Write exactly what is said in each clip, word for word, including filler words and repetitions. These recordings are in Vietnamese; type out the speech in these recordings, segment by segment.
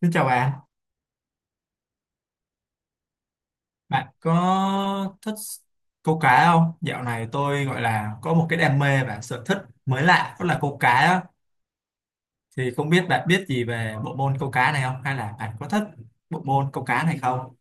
Xin chào bạn, bạn có thích câu cá không? Dạo này tôi gọi là có một cái đam mê và sở thích mới lạ đó là câu cá á. Thì không biết bạn biết gì về bộ môn câu cá này không? Hay là bạn có thích bộ môn câu cá này không?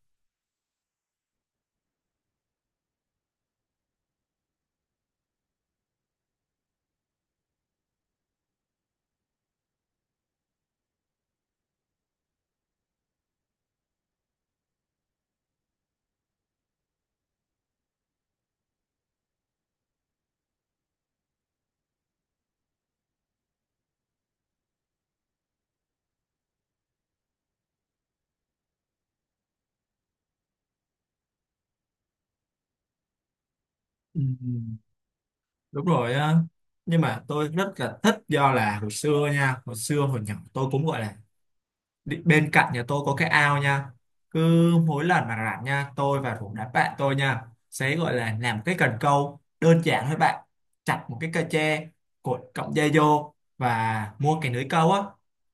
Ừ, đúng rồi á. Nhưng mà tôi rất là thích, do là hồi xưa nha, hồi xưa hồi nhỏ tôi cũng gọi là Đi- bên cạnh nhà tôi có cái ao nha, cứ mỗi lần mà rảnh nha, tôi và rủ đám bạn tôi nha, sẽ gọi là làm cái cần câu đơn giản thôi bạn, chặt một cái cây tre, cột cọng dây vô và mua cái lưới câu á,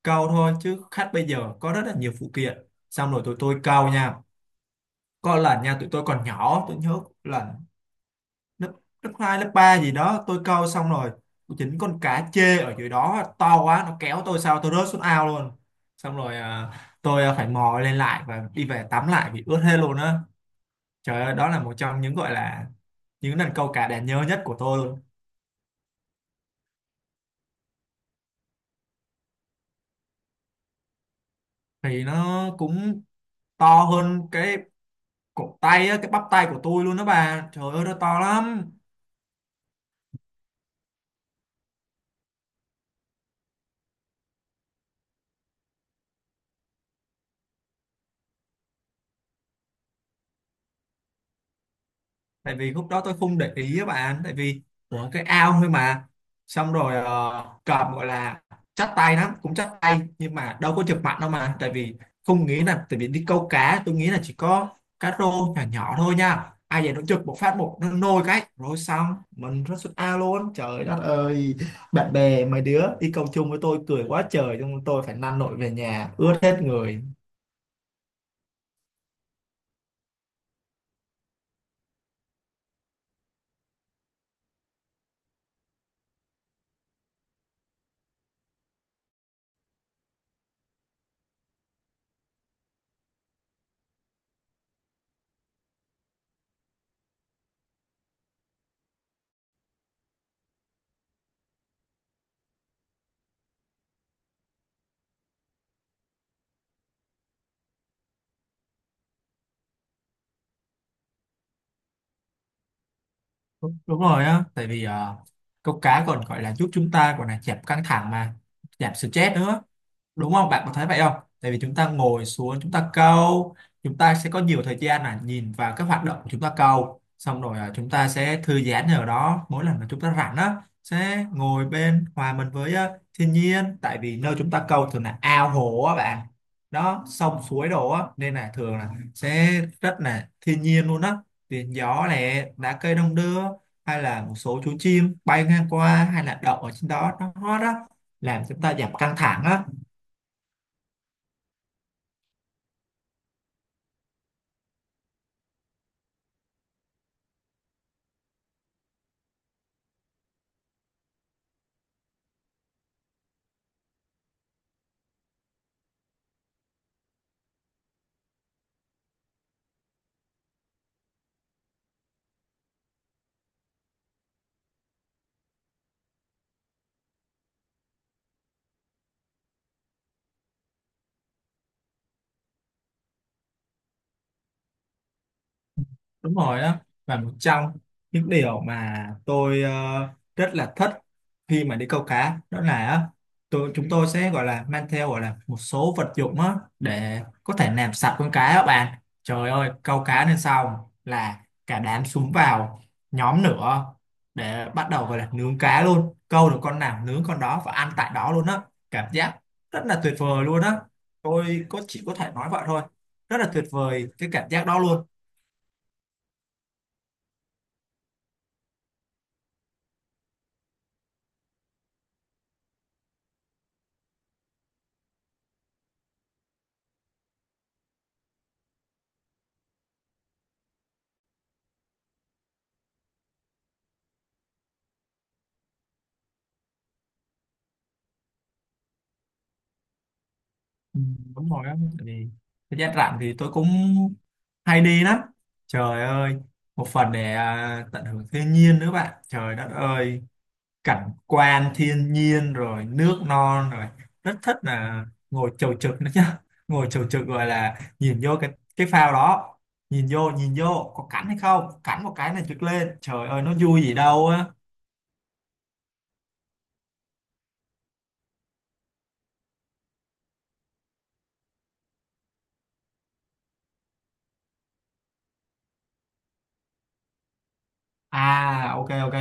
câu thôi chứ khách bây giờ có rất là nhiều phụ kiện. Xong rồi tụi tôi câu nha, có lần nha tụi tôi còn nhỏ, tôi nhớ lần lớp lớp hai, lớp ba gì đó, tôi câu xong rồi chính con cá chê ở dưới đó to quá, nó kéo tôi sao tôi rớt xuống ao luôn. Xong rồi à, tôi à, phải mò lên lại và đi về tắm lại vì ướt hết luôn á. Trời ơi, đó là một trong những gọi là những lần câu cá đáng nhớ nhất của tôi luôn. Thì nó cũng to hơn cái cổ tay á, cái bắp tay của tôi luôn đó bà, trời ơi nó to lắm. Tại vì lúc đó tôi không để ý các bạn, tại vì của cái ao thôi mà, xong rồi uh, cầm gọi là chắc tay lắm, cũng chắc tay, nhưng mà đâu có chụp mặt đâu mà, tại vì không nghĩ là, tại vì đi câu cá tôi nghĩ là chỉ có cá rô nhỏ nhỏ thôi nha, ai vậy nó chụp một phát một nó nôi cái rồi xong mình rất xuống ao luôn, trời đất ơi. Bạn bè mấy đứa đi câu chung với tôi cười quá trời, nhưng tôi phải năn nổi về nhà ướt hết người. Đúng, đúng rồi á, tại vì ờ, câu cá còn gọi là giúp chúng ta còn là giảm căng thẳng mà, giảm stress nữa, đúng không bạn có thấy vậy không? Tại vì chúng ta ngồi xuống chúng ta câu, chúng ta sẽ có nhiều thời gian là nhìn vào các hoạt động của chúng ta câu, xong rồi à, chúng ta sẽ thư giãn ở đó. Mỗi lần mà chúng ta rảnh á, sẽ ngồi bên hòa mình với ờ, thiên nhiên, tại vì nơi chúng ta câu thường là ao hồ á bạn, đó sông suối đồ á, nên là thường là sẽ rất là thiên nhiên luôn á. Tiếng gió này, lá cây đong đưa, hay là một số chú chim bay ngang qua hay là đậu ở trên đó nó hót á, làm chúng ta giảm căng thẳng á. Đúng rồi đó, và một trong những điều mà tôi ờ, rất là thích khi mà đi câu cá đó là á, tôi chúng tôi sẽ gọi là mang theo gọi là một số vật dụng á để có thể làm sạch con cá các bạn. Trời ơi, câu cá lên xong là cả đám xúm vào, nhóm nữa, để bắt đầu gọi là nướng cá luôn, câu được con nào nướng con đó và ăn tại đó luôn á. Cảm giác rất là tuyệt vời luôn á, tôi có chỉ có thể nói vậy thôi, rất là tuyệt vời cái cảm giác đó luôn. Ừ, đúng rồi á, tại vì thời gian rảnh thì tôi cũng hay đi lắm. Trời ơi, một phần để à, tận hưởng thiên nhiên nữa bạn, trời đất ơi, cảnh quan thiên nhiên rồi nước non rồi, rất thích là ngồi chầu trực nữa chứ ngồi chầu trực gọi là nhìn vô cái cái phao đó, nhìn vô nhìn vô có cắn hay không cắn một cái này trực lên, trời ơi nó vui gì đâu á. À, ok ok.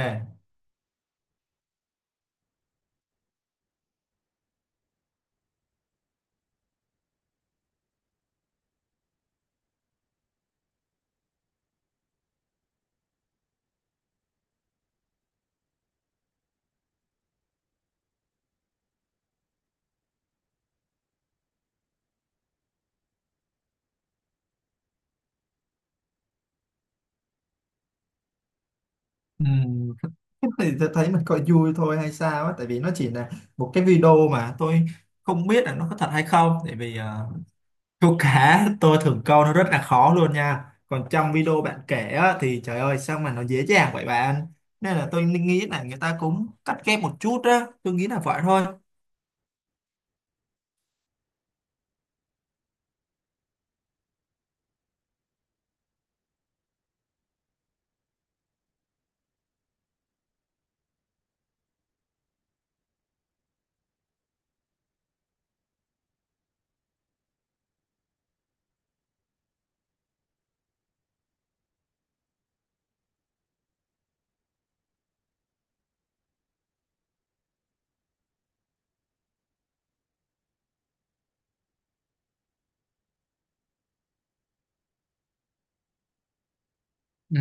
Ừ. Thì tôi thấy mình coi vui thôi hay sao á, tại vì nó chỉ là một cái video mà tôi không biết là nó có thật hay không, tại vì ờ, câu cá tôi thường câu nó rất là khó luôn nha, còn trong video bạn kể á, thì trời ơi sao mà nó dễ dàng vậy bạn. Nên là tôi nghĩ là người ta cũng cắt ghép một chút á, tôi nghĩ là vậy thôi. Ừ.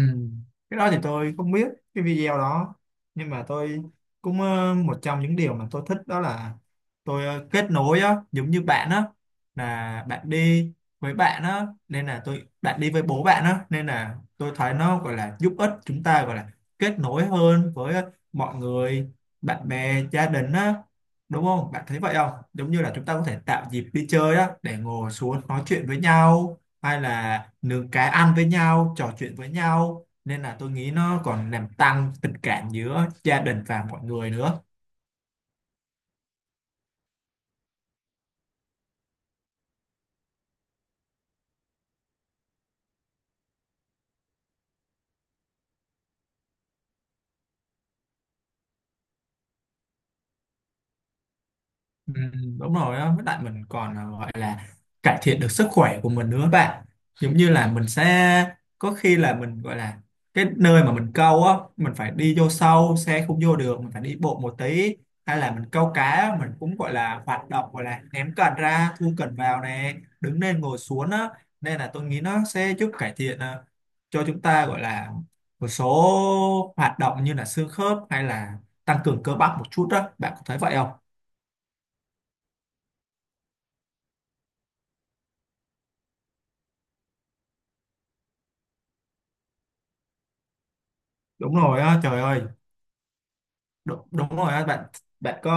Cái đó thì tôi không biết cái video đó, nhưng mà tôi cũng ờ, một trong những điều mà tôi thích đó là tôi ờ, kết nối á, giống như bạn á là bạn đi với bạn á, nên là tôi bạn đi với bố bạn á, nên là tôi thấy nó gọi là giúp ích chúng ta gọi là kết nối hơn với ờ, mọi người, bạn bè, gia đình á, đúng không bạn thấy vậy không? Giống như là chúng ta có thể tạo dịp đi chơi á để ngồi xuống nói chuyện với nhau, hay là nướng cái ăn với nhau, trò chuyện với nhau, nên là tôi nghĩ nó còn làm tăng tình cảm giữa gia đình và mọi người nữa. Ừm, đúng rồi đó, với lại mình còn à, gọi là cải thiện được sức khỏe của mình nữa bạn. Giống như là mình sẽ có khi là mình gọi là cái nơi mà mình câu á, mình phải đi vô sâu xe không vô được, mình phải đi bộ một tí, hay là mình câu cá á, mình cũng gọi là hoạt động gọi là ném cần ra thu cần vào nè, đứng lên ngồi xuống á, nên là tôi nghĩ nó sẽ giúp cải thiện à, cho chúng ta gọi là một số hoạt động như là xương khớp, hay là tăng cường cơ bắp một chút đó, bạn có thấy vậy không? Đúng rồi á, trời ơi. Đúng, đúng rồi á bạn. bạn có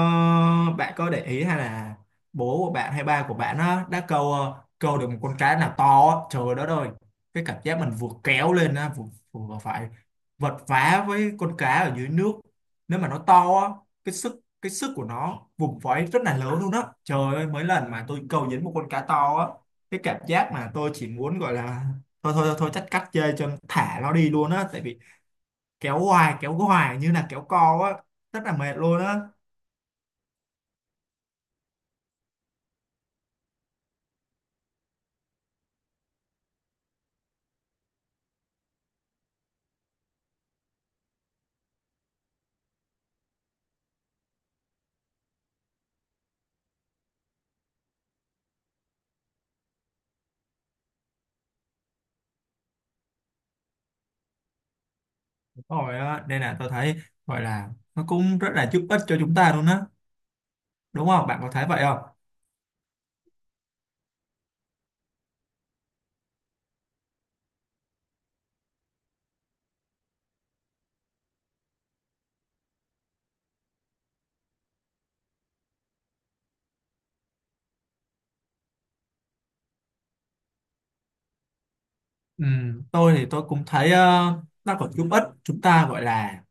bạn có để ý hay là bố của bạn hay ba của bạn á đã câu ờ, câu được một con cá nào to á, trời đất ơi, cái cảm giác mình vừa kéo lên á vừa, vừa phải vật vã với con cá ở dưới nước, nếu mà nó to á, cái sức cái sức của nó vùng vẫy rất là lớn luôn á. Trời ơi, mấy lần mà tôi câu dính một con cá to á, cái cảm giác mà tôi chỉ muốn gọi là thôi thôi thôi, thôi chắc cắt dây cho thả nó đi luôn á, tại vì kéo hoài kéo hoài như là kéo co á, rất là mệt luôn á. Đúng rồi á, nên là tôi thấy gọi là nó cũng rất là giúp ích cho chúng ta luôn á, đúng không bạn có thấy vậy không? Ừ, tôi thì tôi cũng thấy ờ, nó còn giúp ích chúng ta gọi là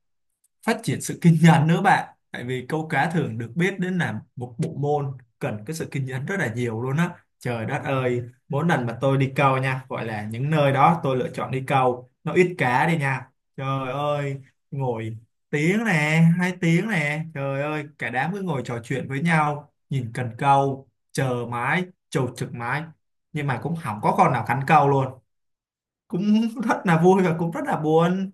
phát triển sự kiên nhẫn nữa bạn, tại vì câu cá thường được biết đến là một bộ môn cần cái sự kiên nhẫn rất là nhiều luôn á. Trời đất ơi, mỗi lần mà tôi đi câu nha, gọi là những nơi đó tôi lựa chọn đi câu nó ít cá đi nha, trời ơi, ngồi tiếng nè, hai tiếng nè, trời ơi cả đám cứ ngồi trò chuyện với nhau, nhìn cần câu chờ mãi, chầu trực mãi, nhưng mà cũng không có con nào cắn câu luôn, cũng rất là vui và cũng rất là buồn.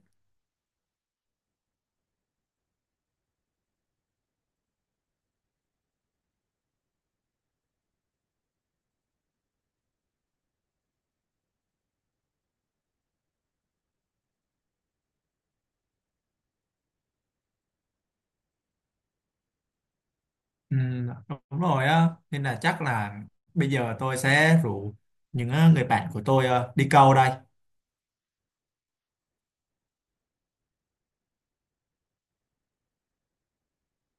Ừ, đúng rồi á, nên là chắc là bây giờ tôi sẽ rủ những ờ, người bạn của tôi ờ, đi câu đây.